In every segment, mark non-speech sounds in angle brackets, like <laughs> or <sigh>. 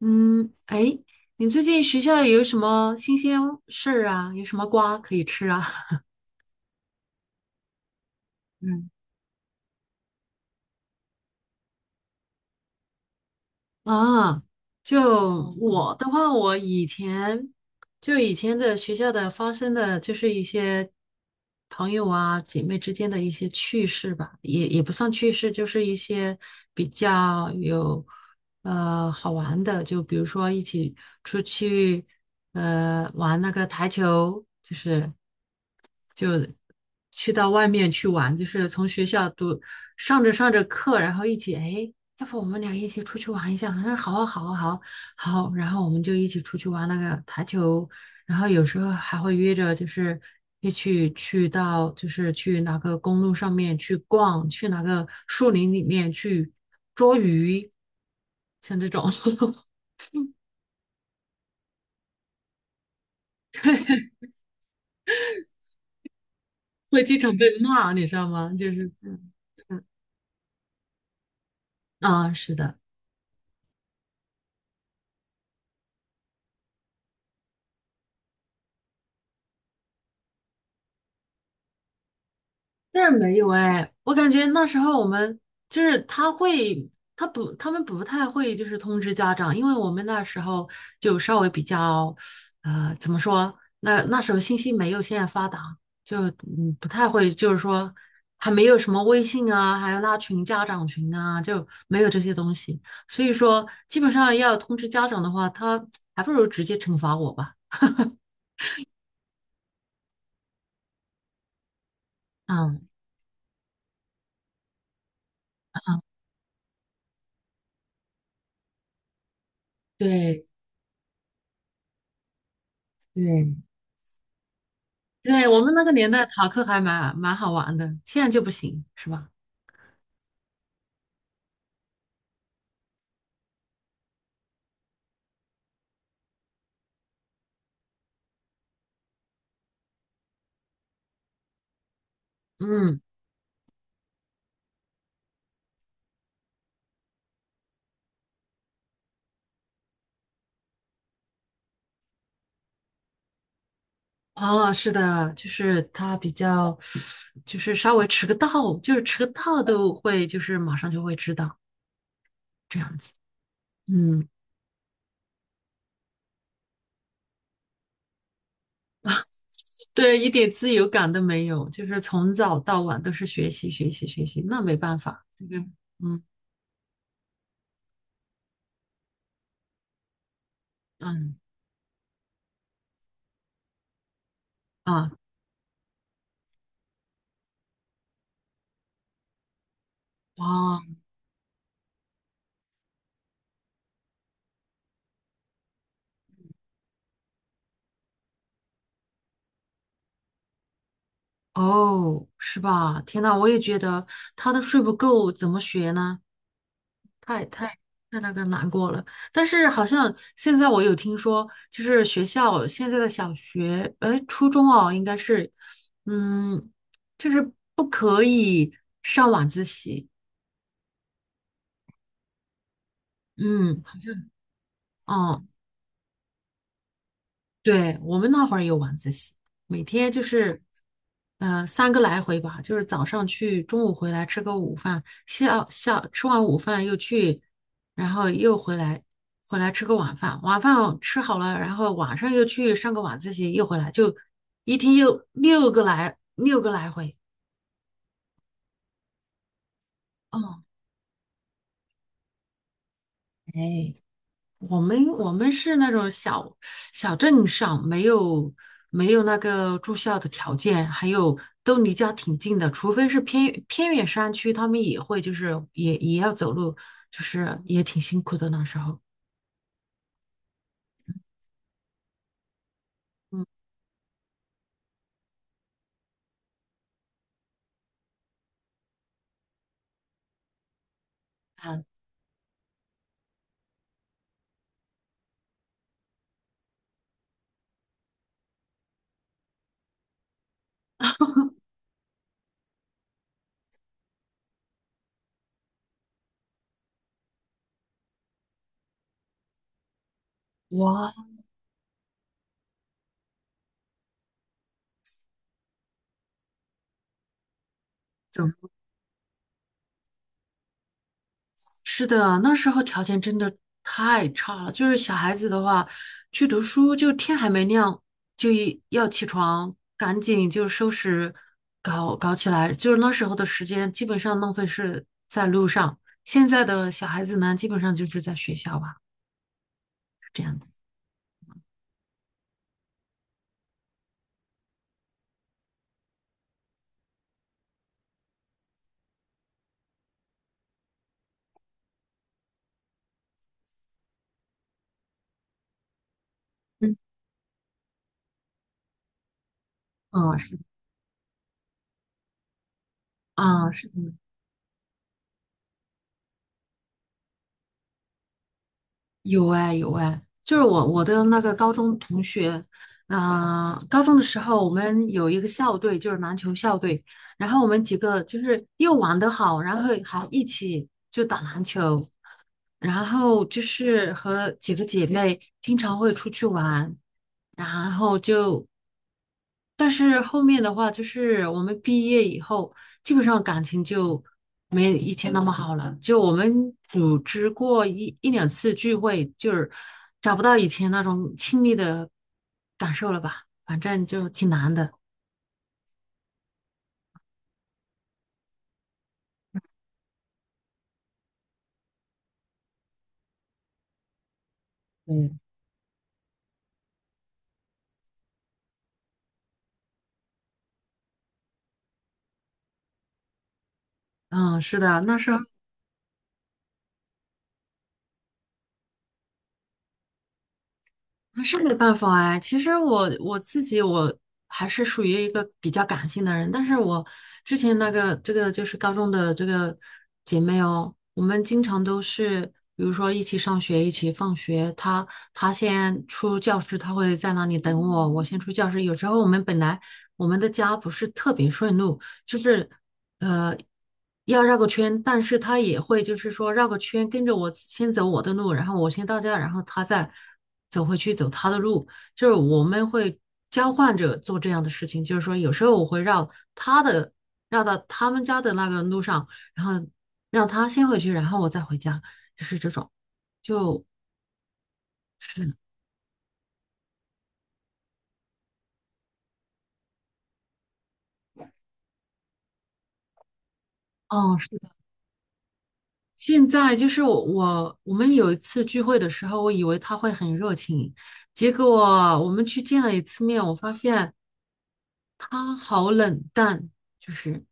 嗯，哎，你最近学校有什么新鲜事儿啊？有什么瓜可以吃啊？<laughs> 嗯啊，就我的话，我以前以前的学校的发生的就是一些朋友啊、姐妹之间的一些趣事吧，也不算趣事，就是一些比较有好玩的，就比如说一起出去玩那个台球，就去到外面去玩，就是从学校读上着课，然后一起，哎，要不我们俩一起出去玩一下？他说好啊，好啊，好啊好好然后我们就一起出去玩那个台球，然后有时候还会约着，就是一起去到，就是去哪个公路上面去逛，去哪个树林里面去捉鱼，像这种 <laughs> 会经常被骂，你知道吗？就是，嗯嗯，啊，是的。但是没有哎，我感觉那时候我们就是他会，他们不太会就是通知家长，因为我们那时候就稍微比较，呃，怎么说？那时候信息没有现在发达，就不太会，就是说还没有什么微信啊，还有拉群家长群啊，就没有这些东西，所以说基本上要通知家长的话，他 <tsk> 还不如直接惩罚我吧。嗯，对对。对，我们那个年代逃课还蛮好玩的，现在就不行，是吧？嗯，哦，是的，就是他比较，就是稍微迟个到，就是迟个到都会，就是马上就会知道这样子。嗯，对，一点自由感都没有，就是从早到晚都是学习，学习，学习，那没办法，这个，嗯嗯啊啊哦，是吧？天呐，我也觉得他都睡不够，怎么学呢？太太那个难过了，但是好像现在我有听说，就是学校现在的小学，呃，初中哦，应该是，嗯，就是不可以上晚自习，嗯，好像，哦，对，我们那会儿有晚自习，每天就是，呃，三个来回吧，就是早上去，中午回来吃个午饭，下吃完午饭又去，然后又回来，回来吃个晚饭，晚饭吃好了，然后晚上又去上个晚自习，又回来，就一天又六个来回。哦，哎，我们是那种小镇上，没有那个住校的条件，还有都离家挺近的，除非是偏远山区，他们也会就是也要走路，就是也挺辛苦的那时候。嗯，嗯，哇，怎么是的，那时候条件真的太差了。就是小孩子的话，去读书就天还没亮就一要起床，赶紧就收拾搞起来。就是那时候的时间基本上浪费是在路上。现在的小孩子呢，基本上就是在学校吧，是这样子。嗯，嗯，是啊，嗯是的。有哎有哎，就是我的那个高中同学，嗯、高中的时候我们有一个校队，就是篮球校队，然后我们几个就是又玩得好，然后还一起就打篮球，然后就是和几个姐妹经常会出去玩，然后就但是后面的话，就是我们毕业以后，基本上感情就没以前那么好了。就我们组织过一两次聚会，就是找不到以前那种亲密的感受了吧？反正就挺难的。嗯，嗯，是的，那时候那是没办法哎，其实我自己我还是属于一个比较感性的人，但是我之前那个这个就是高中的这个姐妹哦，我们经常都是，比如说一起上学，一起放学，她先出教室，她会在那里等我，我先出教室。有时候我们本来我们的家不是特别顺路，就是呃，要绕个圈，但是他也会就是说绕个圈，跟着我先走我的路，然后我先到家，然后他再走回去走他的路，就是我们会交换着做这样的事情，就是说有时候我会绕他的，绕到他们家的那个路上，然后让他先回去，然后我再回家，就是这种，就是，哦，是。现在就是我，我们有一次聚会的时候，我以为他会很热情，结果我们去见了一次面，我发现他好冷淡，就是。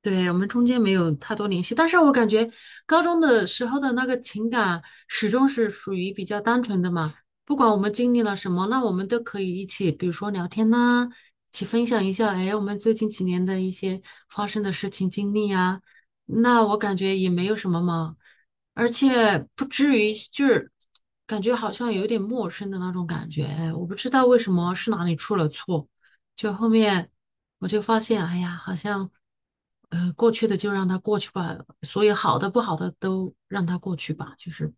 对，我们中间没有太多联系，但是我感觉高中的时候的那个情感始终是属于比较单纯的嘛，不管我们经历了什么，那我们都可以一起，比如说聊天呐、一起分享一下，哎，我们最近几年的一些发生的事情经历呀、那我感觉也没有什么嘛，而且不至于就是感觉好像有点陌生的那种感觉，哎，我不知道为什么是哪里出了错。就后面我就发现，哎呀，好像过去的就让它过去吧，所有好的不好的都让它过去吧，就是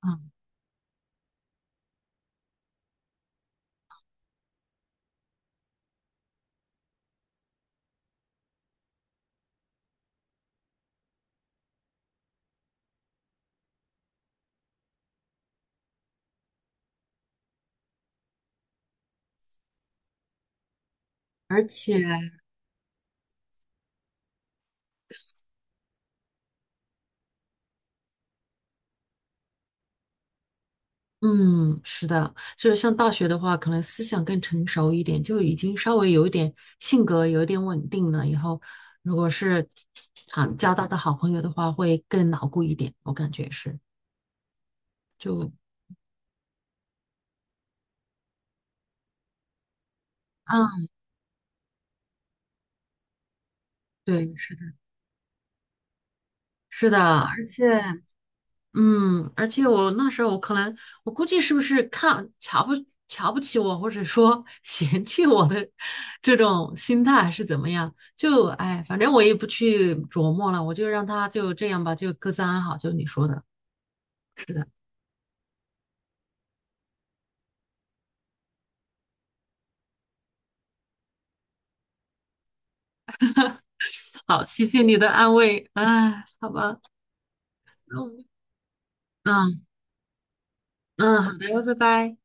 嗯，而且嗯，是的，就是像大学的话，可能思想更成熟一点，就已经稍微有一点性格有一点稳定了，以后如果是啊交到的好朋友的话，会更牢固一点，我感觉是就。嗯，对，是的，是的，而且。嗯，而且我那时候我可能，我估计是不是瞧不起我，或者说 <laughs> 嫌弃我的这种心态还是怎么样？就哎，反正我也不去琢磨了，我就让他就这样吧，就各自安好。就你说的，是的，好，谢谢你的安慰，哎，好吧，那我们嗯嗯，好的，拜拜。